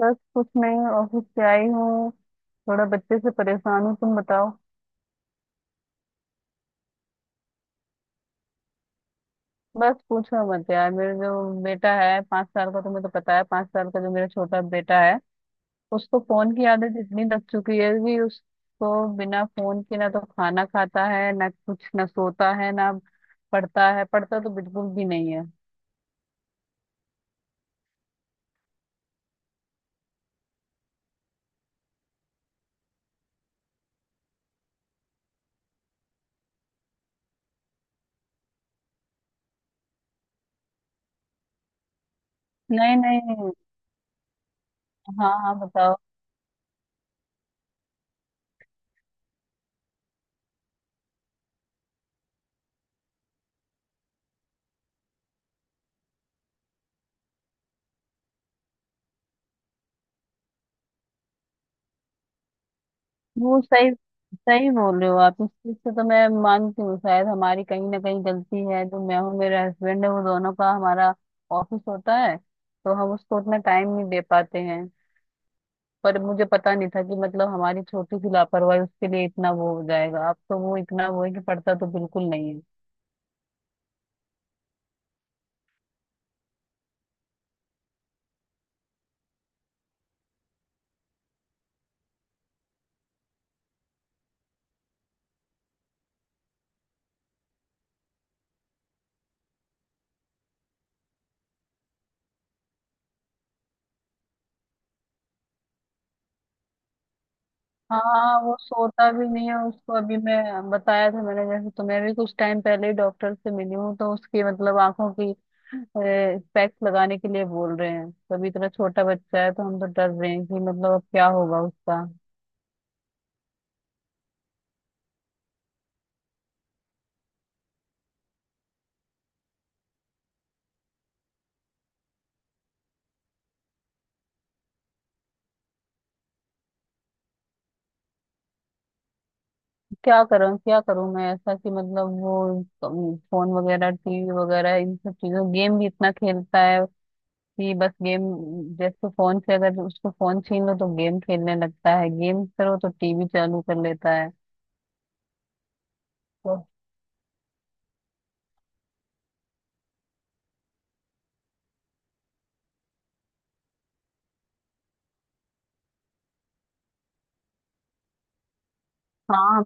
बस कुछ नहीं। ऑफिस से आई हूँ। थोड़ा बच्चे से परेशान हूँ, तुम बताओ। बस पूछो मत यार। मेरे जो बेटा है 5 साल का, तुम्हें तो पता है, 5 साल का जो मेरा छोटा बेटा है, उसको फोन की आदत इतनी लग चुकी है कि उसको बिना फोन के ना तो खाना खाता है, ना कुछ, ना सोता है, ना पढ़ता है। पढ़ता तो बिल्कुल भी नहीं है। नहीं नहीं। हाँ हाँ, बताओ। वो सही सही बोल रहे हो आप इस चीज से। तो मैं मानती हूँ, शायद हमारी कहीं ना कहीं गलती है। जो मैं हूँ, मेरा हस्बैंड है, वो दोनों का हमारा ऑफिस होता है, तो हम उसको उतना टाइम नहीं दे पाते हैं। पर मुझे पता नहीं था कि मतलब हमारी छोटी सी लापरवाही उसके लिए इतना वो हो जाएगा। अब तो वो इतना वो है कि पड़ता तो बिल्कुल नहीं। हाँ, वो सोता भी नहीं है उसको। अभी मैं बताया था, मैंने जैसे तुम्हें भी, कुछ टाइम पहले ही डॉक्टर से मिली हूँ तो उसकी मतलब आंखों की पैक्स लगाने के लिए बोल रहे हैं। तो अभी इतना छोटा बच्चा है, तो हम तो डर रहे हैं कि मतलब अब क्या होगा उसका। क्या करूँ मैं ऐसा कि मतलब वो फोन वगैरह, टीवी वगैरह, इन सब चीजों, गेम भी इतना खेलता है कि बस गेम। जैसे फोन से अगर उसको फोन छीन लो तो गेम खेलने लगता है, गेम करो तो टीवी चालू कर लेता है। तो हाँ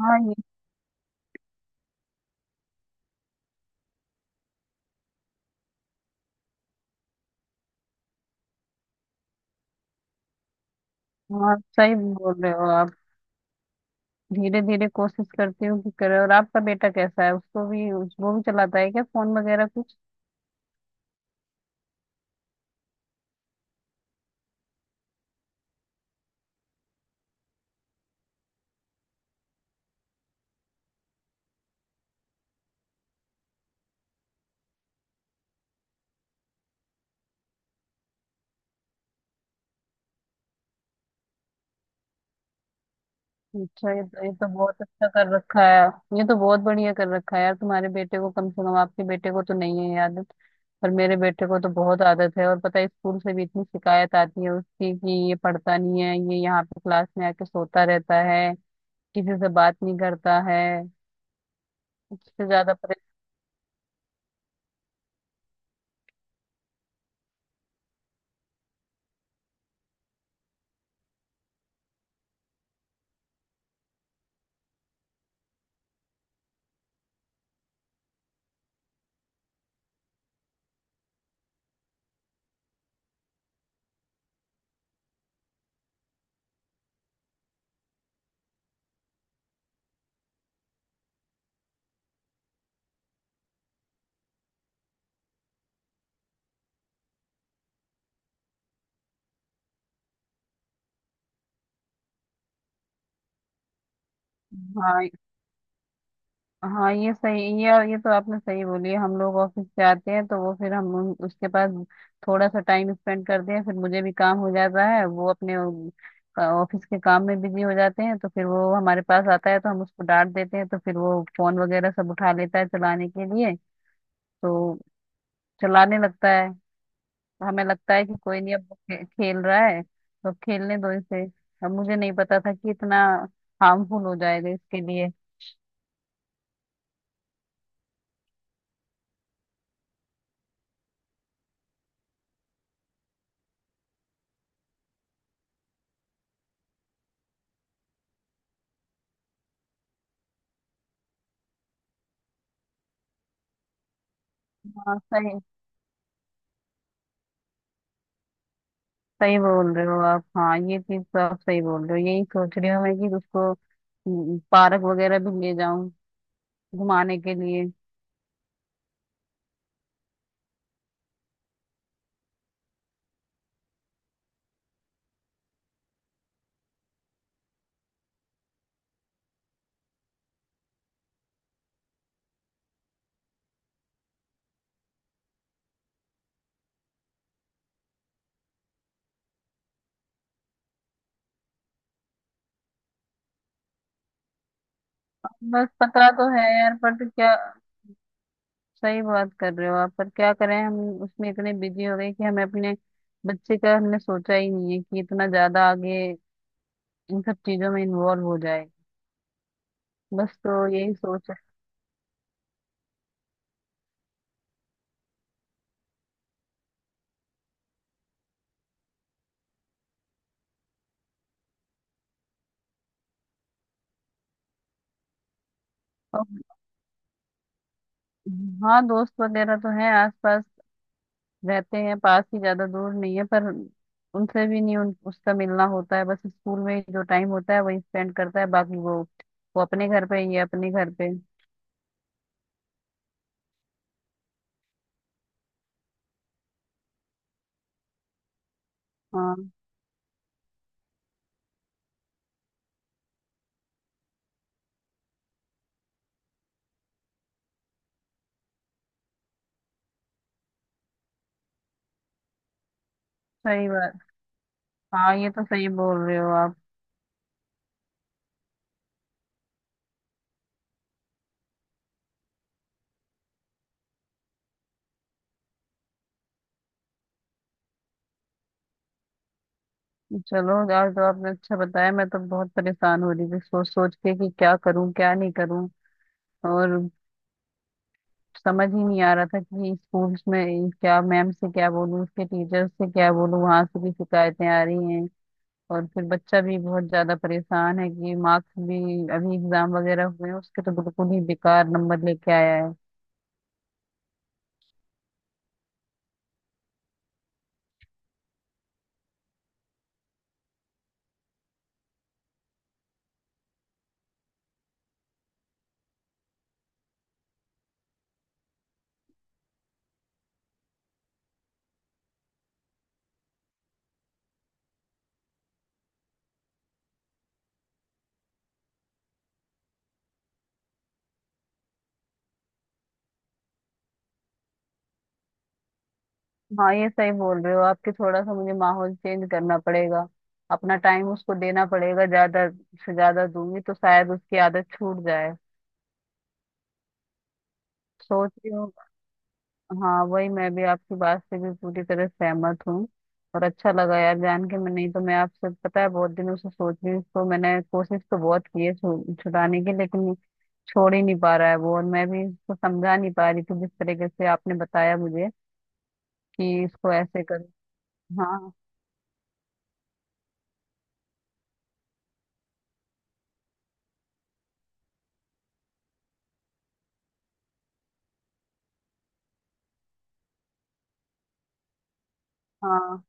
हाँ, ये। हाँ सही बोल रहे हो आप। धीरे धीरे कोशिश करती हूँ कि करे। और आपका बेटा कैसा है? उसको भी वो भी चलाता है क्या फोन वगैरह कुछ? अच्छा, ये तो बहुत अच्छा कर रखा है। ये तो बहुत बढ़िया कर रखा है यार। तुम्हारे बेटे को, कम से कम आपके बेटे को तो नहीं है ये आदत। पर मेरे बेटे को तो बहुत आदत है। और पता है, स्कूल से भी इतनी शिकायत आती है उसकी कि ये पढ़ता नहीं है, ये यहाँ पे क्लास में आके सोता रहता है, किसी से बात नहीं करता है। उससे ज्यादा परेशान। हाँ हाँ ये सही। ये तो आपने सही बोली है। हम लोग ऑफिस से आते हैं तो वो फिर हम उसके पास थोड़ा सा टाइम स्पेंड करते हैं। फिर मुझे भी काम हो जाता है, वो अपने ऑफिस के काम में बिजी हो जाते हैं। तो फिर वो हमारे पास आता है तो हम उसको डांट देते हैं। तो फिर वो फोन वगैरह सब उठा लेता है चलाने के लिए, तो चलाने लगता है। हमें लगता है कि कोई नहीं, अब वो खेल रहा है तो खेलने दो इसे। अब मुझे नहीं पता था कि इतना हार्मफुल हो जाएगा इसके लिए। हाँ सही सही बोल रहे हो आप। हाँ ये चीज तो आप सही बोल रहे हो। यही सोच रही हूँ मैं कि उसको पार्क वगैरह भी ले जाऊं घुमाने के लिए। बस पता तो है यार, पर तो क्या। सही बात कर रहे हो आप, पर क्या करें हम। उसमें इतने बिजी हो गए कि हमें अपने बच्चे का हमने सोचा ही नहीं है कि इतना ज्यादा आगे इन सब चीजों में इन्वॉल्व हो जाए। बस तो यही सोच है। और हाँ, दोस्त वगैरह तो हैं आसपास, रहते हैं पास ही, ज्यादा दूर नहीं है। पर उनसे भी नहीं उसका मिलना होता है, बस स्कूल में ही जो टाइम होता है वही स्पेंड करता है, बाकी वो वो अपने घर पे। हाँ सही बात। हाँ ये तो सही बोल रहे हो आप। चलो आज तो आपने अच्छा बताया। मैं तो बहुत परेशान हो रही थी सोच सोच के कि क्या करूं क्या नहीं करूं। और समझ ही नहीं आ रहा था कि स्कूल्स में क्या, मैम से क्या बोलूं, उसके टीचर से क्या बोलूं, वहां से भी शिकायतें आ रही हैं। और फिर बच्चा भी बहुत ज्यादा परेशान है कि मार्क्स भी, अभी एग्जाम वगैरह हुए हैं उसके तो बिल्कुल ही बेकार नंबर लेके आया है। हाँ ये सही बोल रहे हो आपके। थोड़ा सा मुझे माहौल चेंज करना पड़ेगा। अपना टाइम उसको देना पड़ेगा, ज्यादा से ज्यादा दूंगी तो शायद उसकी आदत छूट जाए। सोच रही हूँ। हाँ वही, मैं भी आपकी बात से भी पूरी तरह सहमत हूँ। और अच्छा लगा यार जान के। मैं नहीं तो, मैं आपसे पता है बहुत दिनों से सोच रही हूँ। इसको मैंने कोशिश तो बहुत की है छुड़ाने की, लेकिन छोड़ ही नहीं पा रहा है वो। और मैं भी इसको समझा नहीं पा रही थी, जिस तरीके से आपने बताया मुझे कि इसको ऐसे कर। हाँ हाँ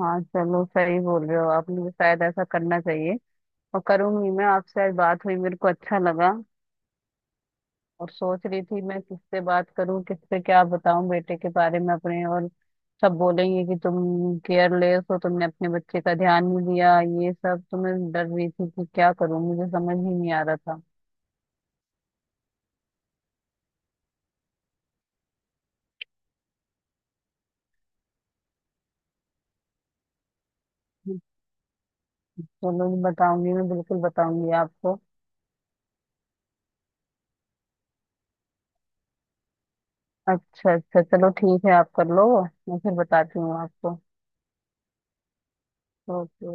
हाँ, चलो सही बोल रहे हो आप। मुझे शायद ऐसा करना चाहिए और करूंगी मैं। आपसे आज बात हुई, मेरे को अच्छा लगा। और सोच रही थी मैं किससे बात करूं, किससे क्या बताऊं बेटे के बारे में अपने। और सब बोलेंगे कि तुम केयरलेस हो, तुमने अपने बच्चे का ध्यान नहीं दिया, ये सब। तो मैं डर रही थी कि क्या करूं, मुझे समझ ही नहीं आ रहा था। चलो मैं बताऊंगी, मैं बिल्कुल बताऊंगी आपको। अच्छा अच्छा, चलो ठीक है, आप कर लो, मैं फिर बताती हूँ आपको। ओके।